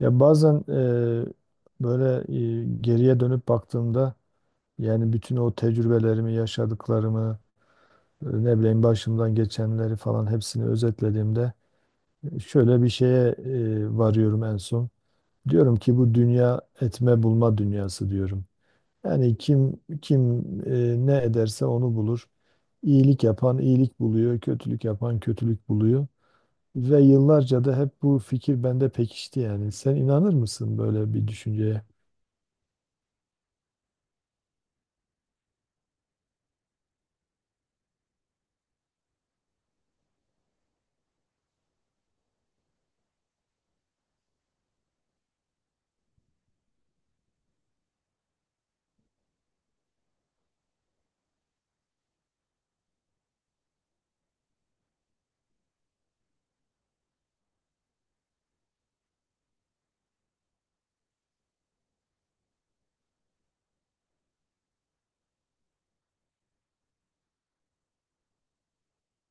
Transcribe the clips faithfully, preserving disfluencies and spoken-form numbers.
Ya bazen eee, böyle eee, geriye dönüp baktığımda yani bütün o tecrübelerimi, yaşadıklarımı, e, ne bileyim başımdan geçenleri falan hepsini özetlediğimde e, şöyle bir şeye e, varıyorum en son. Diyorum ki bu dünya etme bulma dünyası diyorum. Yani kim kim e, ne ederse onu bulur. İyilik yapan iyilik buluyor, kötülük yapan kötülük buluyor. Ve yıllarca da hep bu fikir bende pekişti yani. Sen inanır mısın böyle bir düşünceye?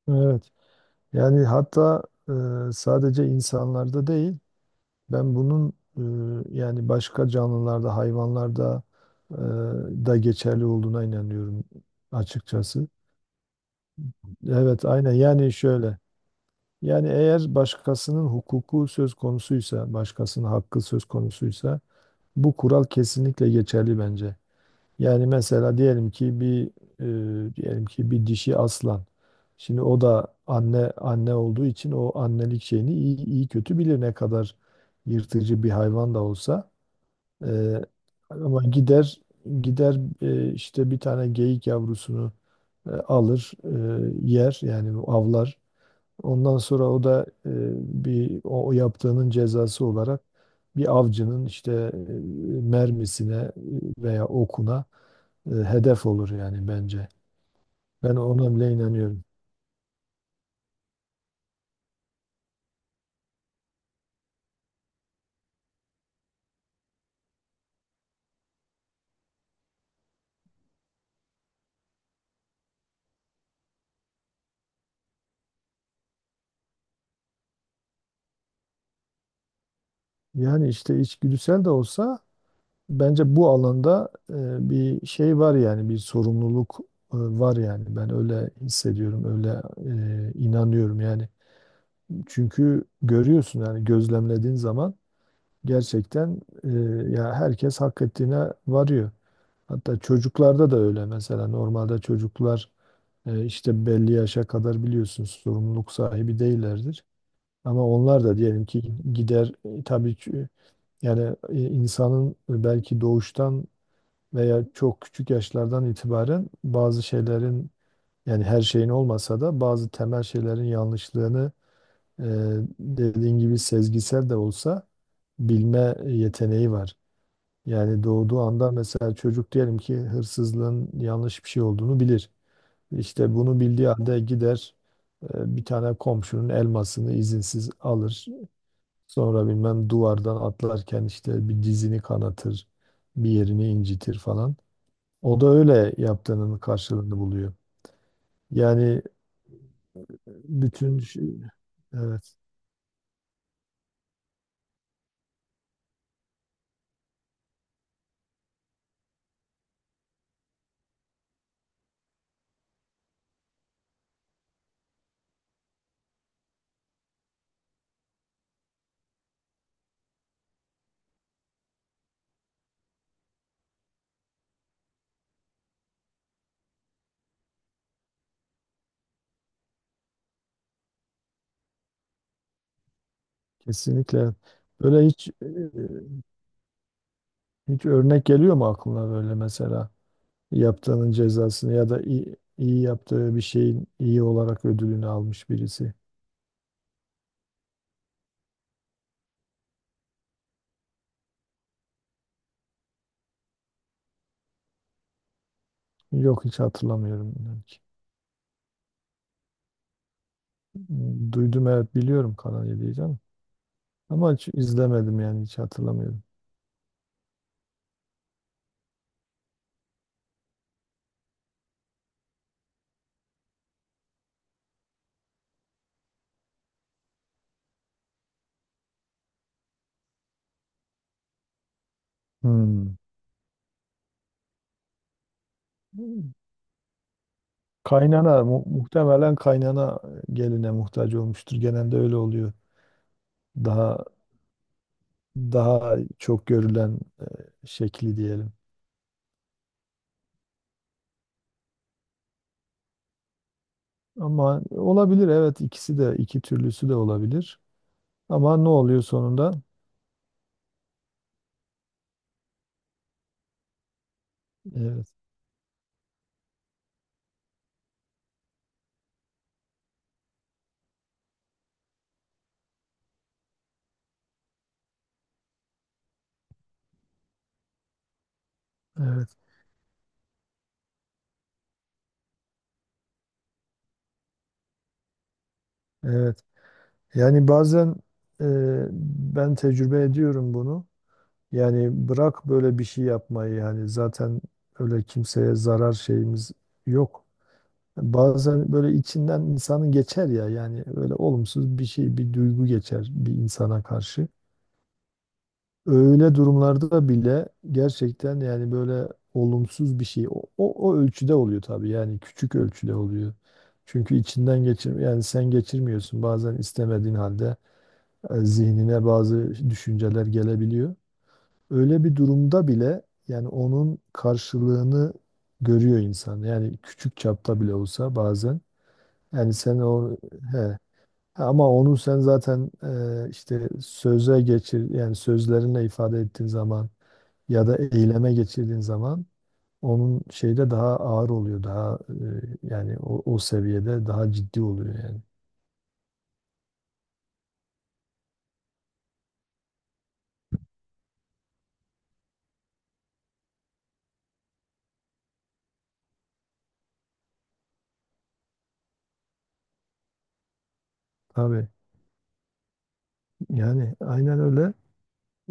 Evet. Yani hatta e, sadece insanlarda değil, ben bunun e, yani başka canlılarda, hayvanlarda e, da geçerli olduğuna inanıyorum açıkçası. Evet, aynen. Yani şöyle. Yani eğer başkasının hukuku söz konusuysa, başkasının hakkı söz konusuysa bu kural kesinlikle geçerli bence. Yani mesela diyelim ki bir e, diyelim ki bir dişi aslan. Şimdi o da anne anne olduğu için o annelik şeyini iyi, iyi kötü bilir ne kadar yırtıcı bir hayvan da olsa. E, ama gider gider e, işte bir tane geyik yavrusunu e, alır, e, yer yani avlar. Ondan sonra o da e, bir o, o yaptığının cezası olarak bir avcının işte e, mermisine e, veya okuna e, hedef olur yani bence. Ben ona bile inanıyorum. Yani işte içgüdüsel de olsa bence bu alanda e, bir şey var yani bir sorumluluk e, var yani. Ben öyle hissediyorum, öyle e, inanıyorum yani. Çünkü görüyorsun yani gözlemlediğin zaman gerçekten e, ya herkes hak ettiğine varıyor. Hatta çocuklarda da öyle, mesela normalde çocuklar e, işte belli yaşa kadar biliyorsunuz sorumluluk sahibi değillerdir. Ama onlar da diyelim ki gider e, tabii ki yani e, insanın belki doğuştan veya çok küçük yaşlardan itibaren bazı şeylerin, yani her şeyin olmasa da bazı temel şeylerin yanlışlığını e, dediğin gibi sezgisel de olsa bilme yeteneği var. Yani doğduğu anda mesela çocuk diyelim ki hırsızlığın yanlış bir şey olduğunu bilir. İşte bunu bildiği halde gider e, bir tane komşunun elmasını izinsiz alır. Sonra bilmem duvardan atlarken işte bir dizini kanatır, bir yerini incitir falan. O da öyle yaptığının karşılığını buluyor. Yani bütün şey- evet, kesinlikle böyle. Hiç e, hiç örnek geliyor mu aklına böyle mesela? Yaptığının cezasını ya da iyi, iyi yaptığı bir şeyin iyi olarak ödülünü almış birisi. Yok, hiç hatırlamıyorum inan ki. Duydum, evet, biliyorum Kanal yediyi canım. Ama hiç izlemedim yani hiç hatırlamıyorum. Hmm. Kaynana mu- muhtemelen kaynana geline muhtaç olmuştur. Genelde öyle oluyor. Daha daha çok görülen e, şekli diyelim. Ama olabilir, evet, ikisi de, iki türlüsü de olabilir. Ama ne oluyor sonunda? Evet, evet, evet. Yani bazen e, ben tecrübe ediyorum bunu. Yani bırak böyle bir şey yapmayı, yani zaten öyle kimseye zarar şeyimiz yok. Bazen böyle içinden insanın geçer ya, yani öyle olumsuz bir şey, bir duygu geçer bir insana karşı. Öyle durumlarda bile gerçekten yani böyle olumsuz bir şey o, o, o ölçüde oluyor tabii, yani küçük ölçüde oluyor. Çünkü içinden geçir, yani sen geçirmiyorsun, bazen istemediğin halde e, zihnine bazı düşünceler gelebiliyor. Öyle bir durumda bile yani onun karşılığını görüyor insan. Yani küçük çapta bile olsa bazen. Yani sen o, he, ama onu sen zaten e, işte söze geçir, yani sözlerinle ifade ettiğin zaman ya da eyleme geçirdiğin zaman onun şeyde daha ağır oluyor, daha e, yani o, o seviyede daha ciddi oluyor yani. Tabii, yani aynen öyle.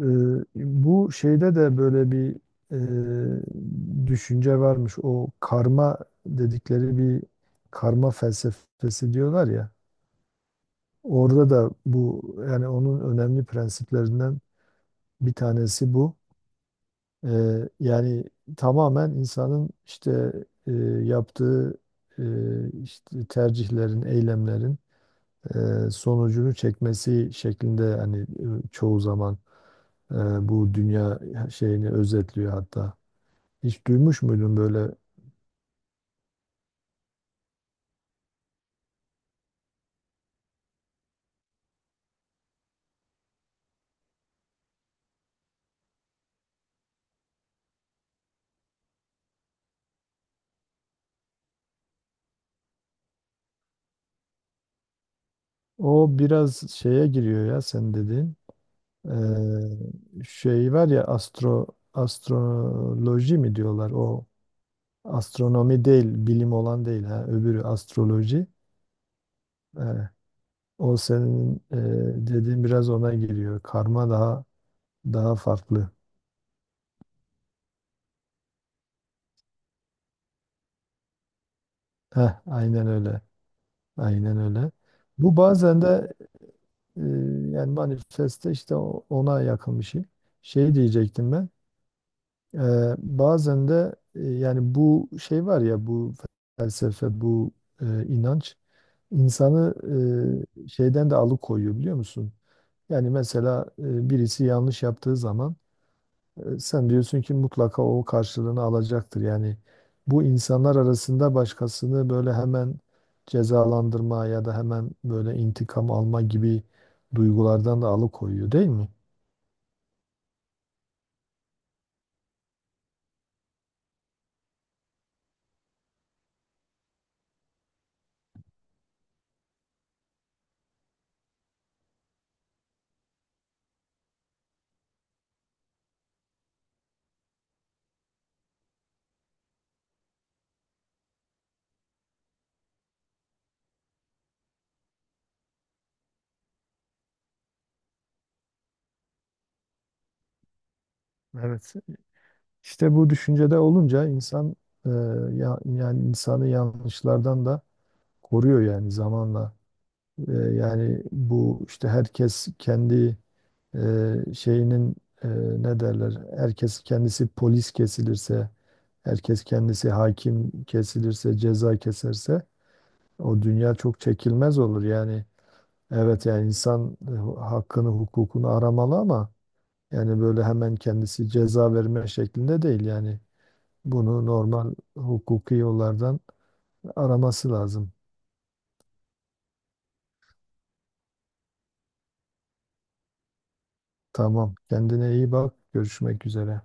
Ee, bu şeyde de böyle bir e, düşünce varmış. O karma dedikleri bir, karma felsefesi diyorlar ya. Orada da bu, yani onun önemli prensiplerinden bir tanesi bu. Ee, yani tamamen insanın işte e, yaptığı e, işte tercihlerin, eylemlerin e, sonucunu çekmesi şeklinde hani e, çoğu zaman e, bu dünya şeyini özetliyor hatta. Hiç duymuş muydun böyle? O biraz şeye giriyor ya sen dediğin. Ee, şey var ya astro astroloji mi diyorlar? O astronomi değil, bilim olan değil ha. Öbürü astroloji. Ee, o senin e, dediğin biraz ona giriyor. Karma daha daha farklı. Heh, aynen öyle. Aynen öyle. Bu bazen de Ee, yani manifeste işte o- ona yakın bir şey. Şey diyecektim ben. Ee, bazen de e, yani bu şey var ya, bu felsefe, bu e, inanç insanı e, şeyden de alıkoyuyor biliyor musun? Yani mesela e, birisi yanlış yaptığı zaman e, Sen diyorsun ki mutlaka o karşılığını alacaktır. Yani bu, insanlar arasında başkasını böyle hemen cezalandırma ya da hemen böyle intikam alma gibi duygulardan da alıkoyuyor değil mi? Evet. İşte bu düşüncede olunca insan e, ya, yani insanı yanlışlardan da koruyor yani zamanla. E, yani bu işte herkes kendi e, şeyinin e, ne derler, herkes kendisi polis kesilirse, herkes kendisi hakim kesilirse, ceza keserse o dünya çok çekilmez olur yani. Evet, yani insan e, hakkını hukukunu aramalı, ama yani böyle hemen kendisi ceza verme şeklinde değil yani, bunu normal hukuki yollardan araması lazım. Tamam, kendine iyi bak, görüşmek üzere.